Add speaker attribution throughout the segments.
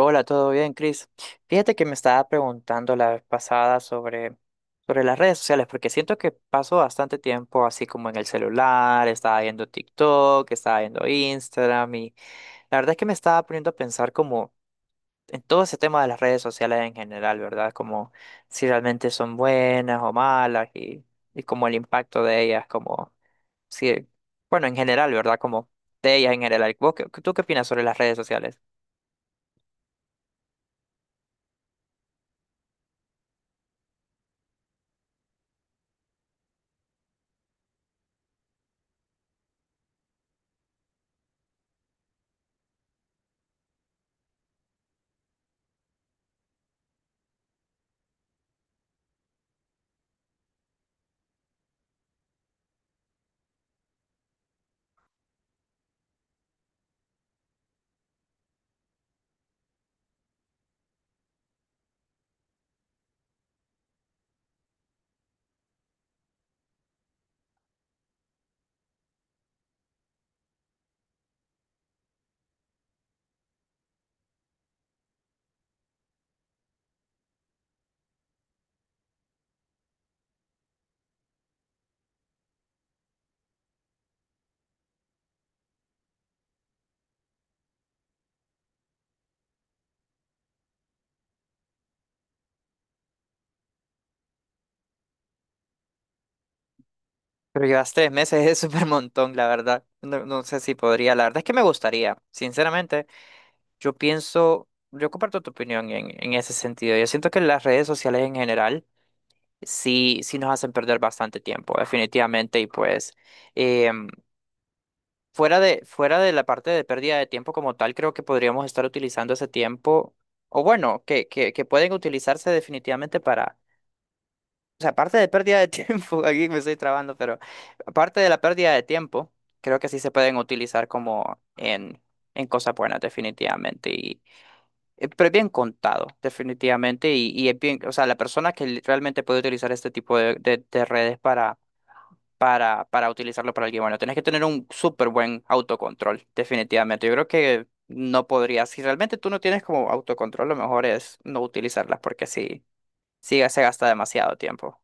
Speaker 1: Hola, ¿todo bien, Chris? Fíjate que me estaba preguntando la vez pasada sobre las redes sociales, porque siento que paso bastante tiempo así como en el celular, estaba viendo TikTok, estaba viendo Instagram y la verdad es que me estaba poniendo a pensar como en todo ese tema de las redes sociales en general, ¿verdad? Como si realmente son buenas o malas y como el impacto de ellas, como si, bueno, en general, ¿verdad? Como de ellas en general. Tú qué opinas sobre las redes sociales? Pero llevas tres meses, es súper montón, la verdad. No sé si podría, la verdad es que me gustaría. Sinceramente, yo comparto tu opinión en ese sentido. Yo siento que las redes sociales en general sí nos hacen perder bastante tiempo, definitivamente. Y pues, em, fuera de la parte de pérdida de tiempo como tal, creo que podríamos estar utilizando ese tiempo, o bueno, que pueden utilizarse definitivamente para o sea, aparte de pérdida de tiempo, aquí me estoy trabando, pero aparte de la pérdida de tiempo, creo que sí se pueden utilizar como en cosas buenas, definitivamente. Y, pero es bien contado, definitivamente. Y es bien, o sea, la persona que realmente puede utilizar este tipo de redes para, utilizarlo para alguien bueno, tienes que tener un súper buen autocontrol, definitivamente. Yo creo que no podrías. Si realmente tú no tienes como autocontrol, lo mejor es no utilizarlas porque sí se gasta demasiado tiempo.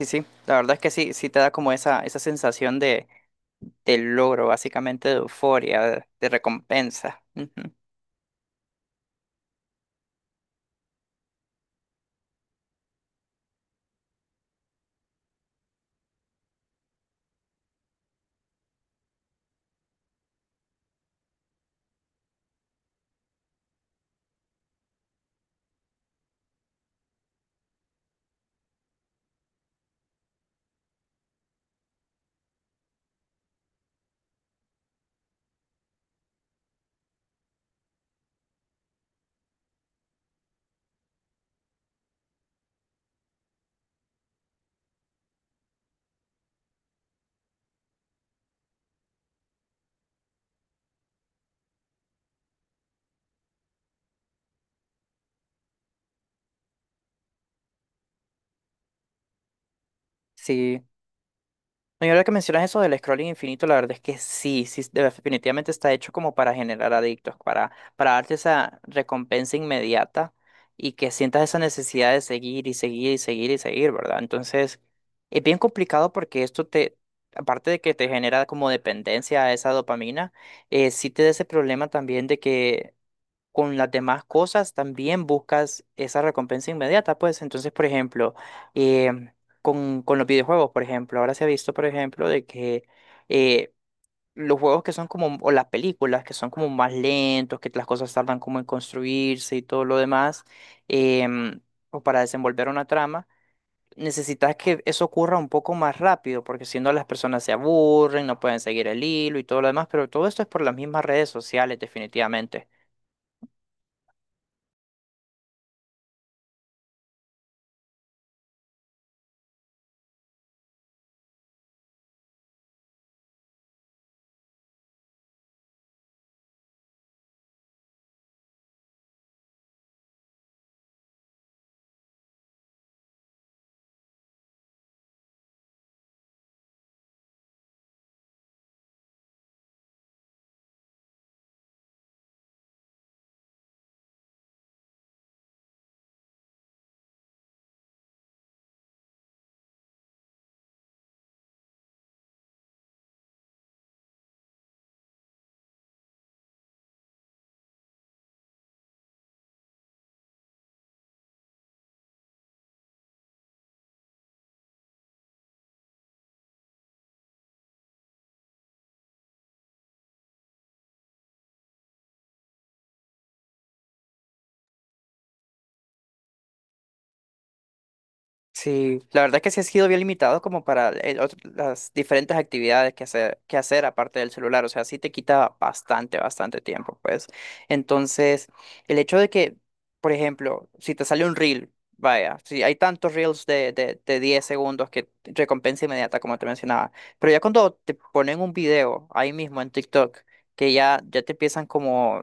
Speaker 1: Sí, sí, la verdad es que sí te da como esa sensación de logro, básicamente de euforia, recompensa. Ujú. Sí. No, y ahora que mencionas eso del scrolling infinito, la verdad es que definitivamente está hecho como para generar adictos, para darte esa recompensa inmediata y que sientas esa necesidad de seguir y seguir y seguir y seguir, ¿verdad? Entonces, es bien complicado porque esto te, aparte de que te genera como dependencia a esa dopamina, sí te da ese problema también de que con las demás cosas también buscas esa recompensa inmediata, pues entonces, por ejemplo, em, con los videojuegos, por ejemplo, ahora se ha visto, por ejemplo, de que eh, los juegos que son como, o las películas que son como más lentos, que las cosas tardan como en construirse y todo lo demás, em, o para desenvolver una trama. Necesitas que eso ocurra un poco más rápido, porque si no las personas se aburren, no pueden seguir el hilo y todo lo demás, pero todo esto es por las mismas redes sociales, definitivamente. Sí, la verdad que sí ha sido bien limitado como para las diferentes actividades que hacer aparte del celular, o sea, sí te quita bastante, bastante tiempo, pues. Entonces, el hecho de que, por ejemplo, si te sale un reel, vaya, si hay tantos reels de 10 segundos que recompensa inmediata, como te mencionaba, pero ya cuando te ponen un video ahí mismo en TikTok, que ya te empiezan como,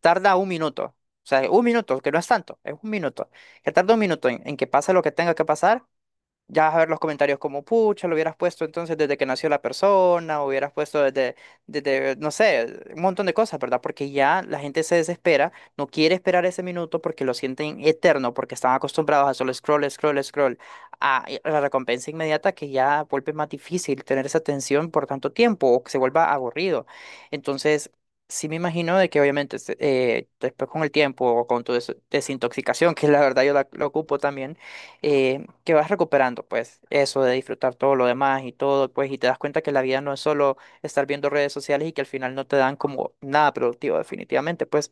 Speaker 1: tarda un minuto, o sea, un minuto, que no es tanto, es un minuto que tarda un minuto en que pase lo que tenga que pasar ya vas a ver los comentarios como, pucha, lo hubieras puesto entonces desde que nació la persona, o hubieras puesto desde, desde, no sé, un montón de cosas, ¿verdad? Porque ya la gente se desespera, no quiere esperar ese minuto porque lo sienten eterno, porque están acostumbrados a solo scroll, scroll, scroll, a la recompensa inmediata que ya vuelve más difícil tener esa atención por tanto tiempo o que se vuelva aburrido. Entonces, sí me imagino de que obviamente después con el tiempo o con tu desintoxicación, que la verdad yo la ocupo también, eh, que vas recuperando, pues, eso de disfrutar todo lo demás y todo, pues, y te das cuenta que la vida no es solo estar viendo redes sociales y que al final no te dan como nada productivo, definitivamente, pues.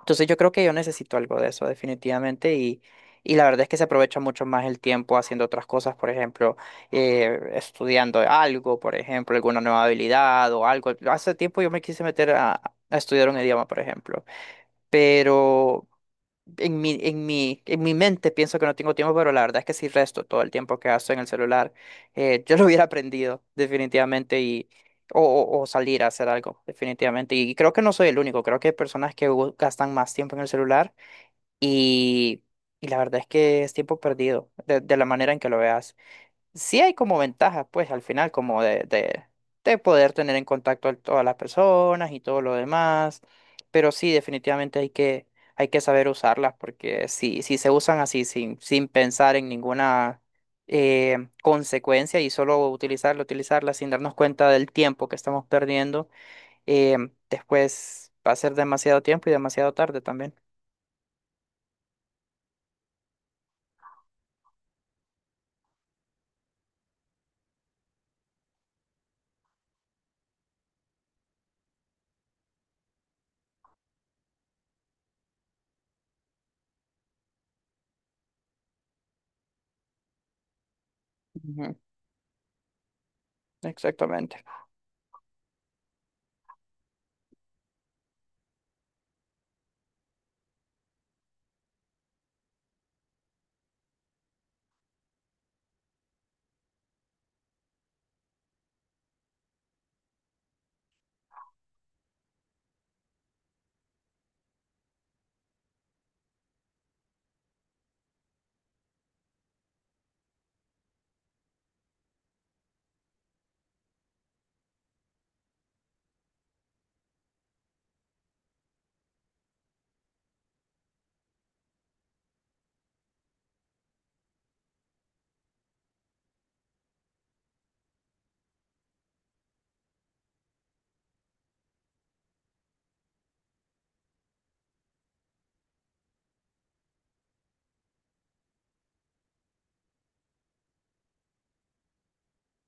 Speaker 1: Entonces yo creo que yo necesito algo de eso, definitivamente, y la verdad es que se aprovecha mucho más el tiempo haciendo otras cosas, por ejemplo, estudiando algo, por ejemplo, alguna nueva habilidad o algo. Hace tiempo yo me quise meter a estudiar un idioma, por ejemplo, pero... En mi mente pienso que no tengo tiempo, pero la verdad es que sí resto todo el tiempo que gasto en el celular. Yo lo hubiera aprendido definitivamente y o, o salir a hacer algo definitivamente. Y creo que no soy el único, creo que hay personas que gastan más tiempo en el celular y, y la verdad es que es tiempo perdido de la manera en que lo veas sí hay como ventajas, pues al final, como de poder tener en contacto a todas las personas y todo lo demás, pero sí, definitivamente hay que saber usarlas, porque si se usan así sin pensar en ninguna consecuencia y solo utilizarla, sin darnos cuenta del tiempo que estamos perdiendo, eh, después va a ser demasiado tiempo y demasiado tarde también. Ujú. Exactamente.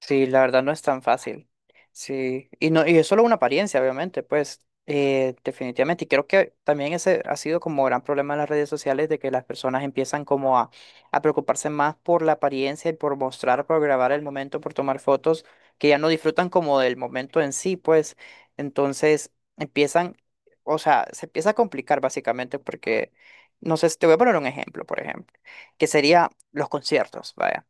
Speaker 1: Sí, la verdad no es tan fácil. Sí, y no, y es solo una apariencia, obviamente, pues, definitivamente. Y creo que también ese ha sido como gran problema en las redes sociales de que las personas empiezan como a preocuparse más por la apariencia y por mostrar, por grabar el momento, por tomar fotos, que ya no disfrutan como del momento en sí, pues. Entonces empiezan, o sea, se empieza a complicar básicamente porque, no sé, te voy a poner un ejemplo, por ejemplo, que sería los conciertos, vaya.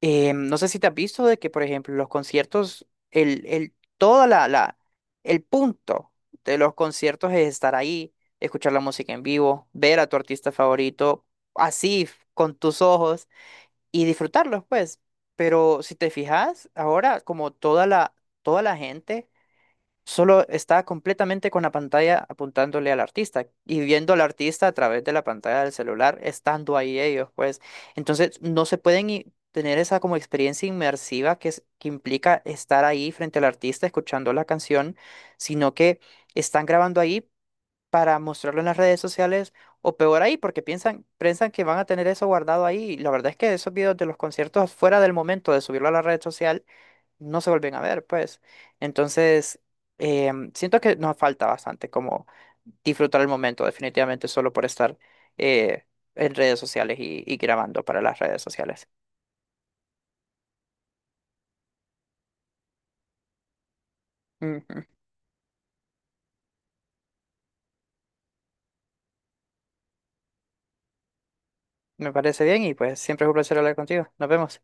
Speaker 1: No sé si te has visto de que, por ejemplo, los conciertos, el, el punto de los conciertos es estar ahí, escuchar la música en vivo, ver a tu artista favorito, así, con tus ojos, y disfrutarlos, pues. Pero si te fijas, ahora como toda la gente solo está completamente con la pantalla apuntándole al artista y viendo al artista a través de la pantalla del celular, estando ahí ellos, pues. Entonces, no se pueden tener esa como experiencia inmersiva que, que implica estar ahí frente al artista escuchando la canción, sino que están grabando ahí para mostrarlo en las redes sociales o peor ahí, porque piensan, piensan que van a tener eso guardado ahí. Y la verdad es que esos videos de los conciertos fuera del momento de subirlo a la red social no se vuelven a ver, pues. Entonces, siento que nos falta bastante como disfrutar el momento, definitivamente, solo por estar eh, en redes sociales y grabando para las redes sociales. Ujú. Me parece bien y pues siempre es un placer hablar contigo. Nos vemos.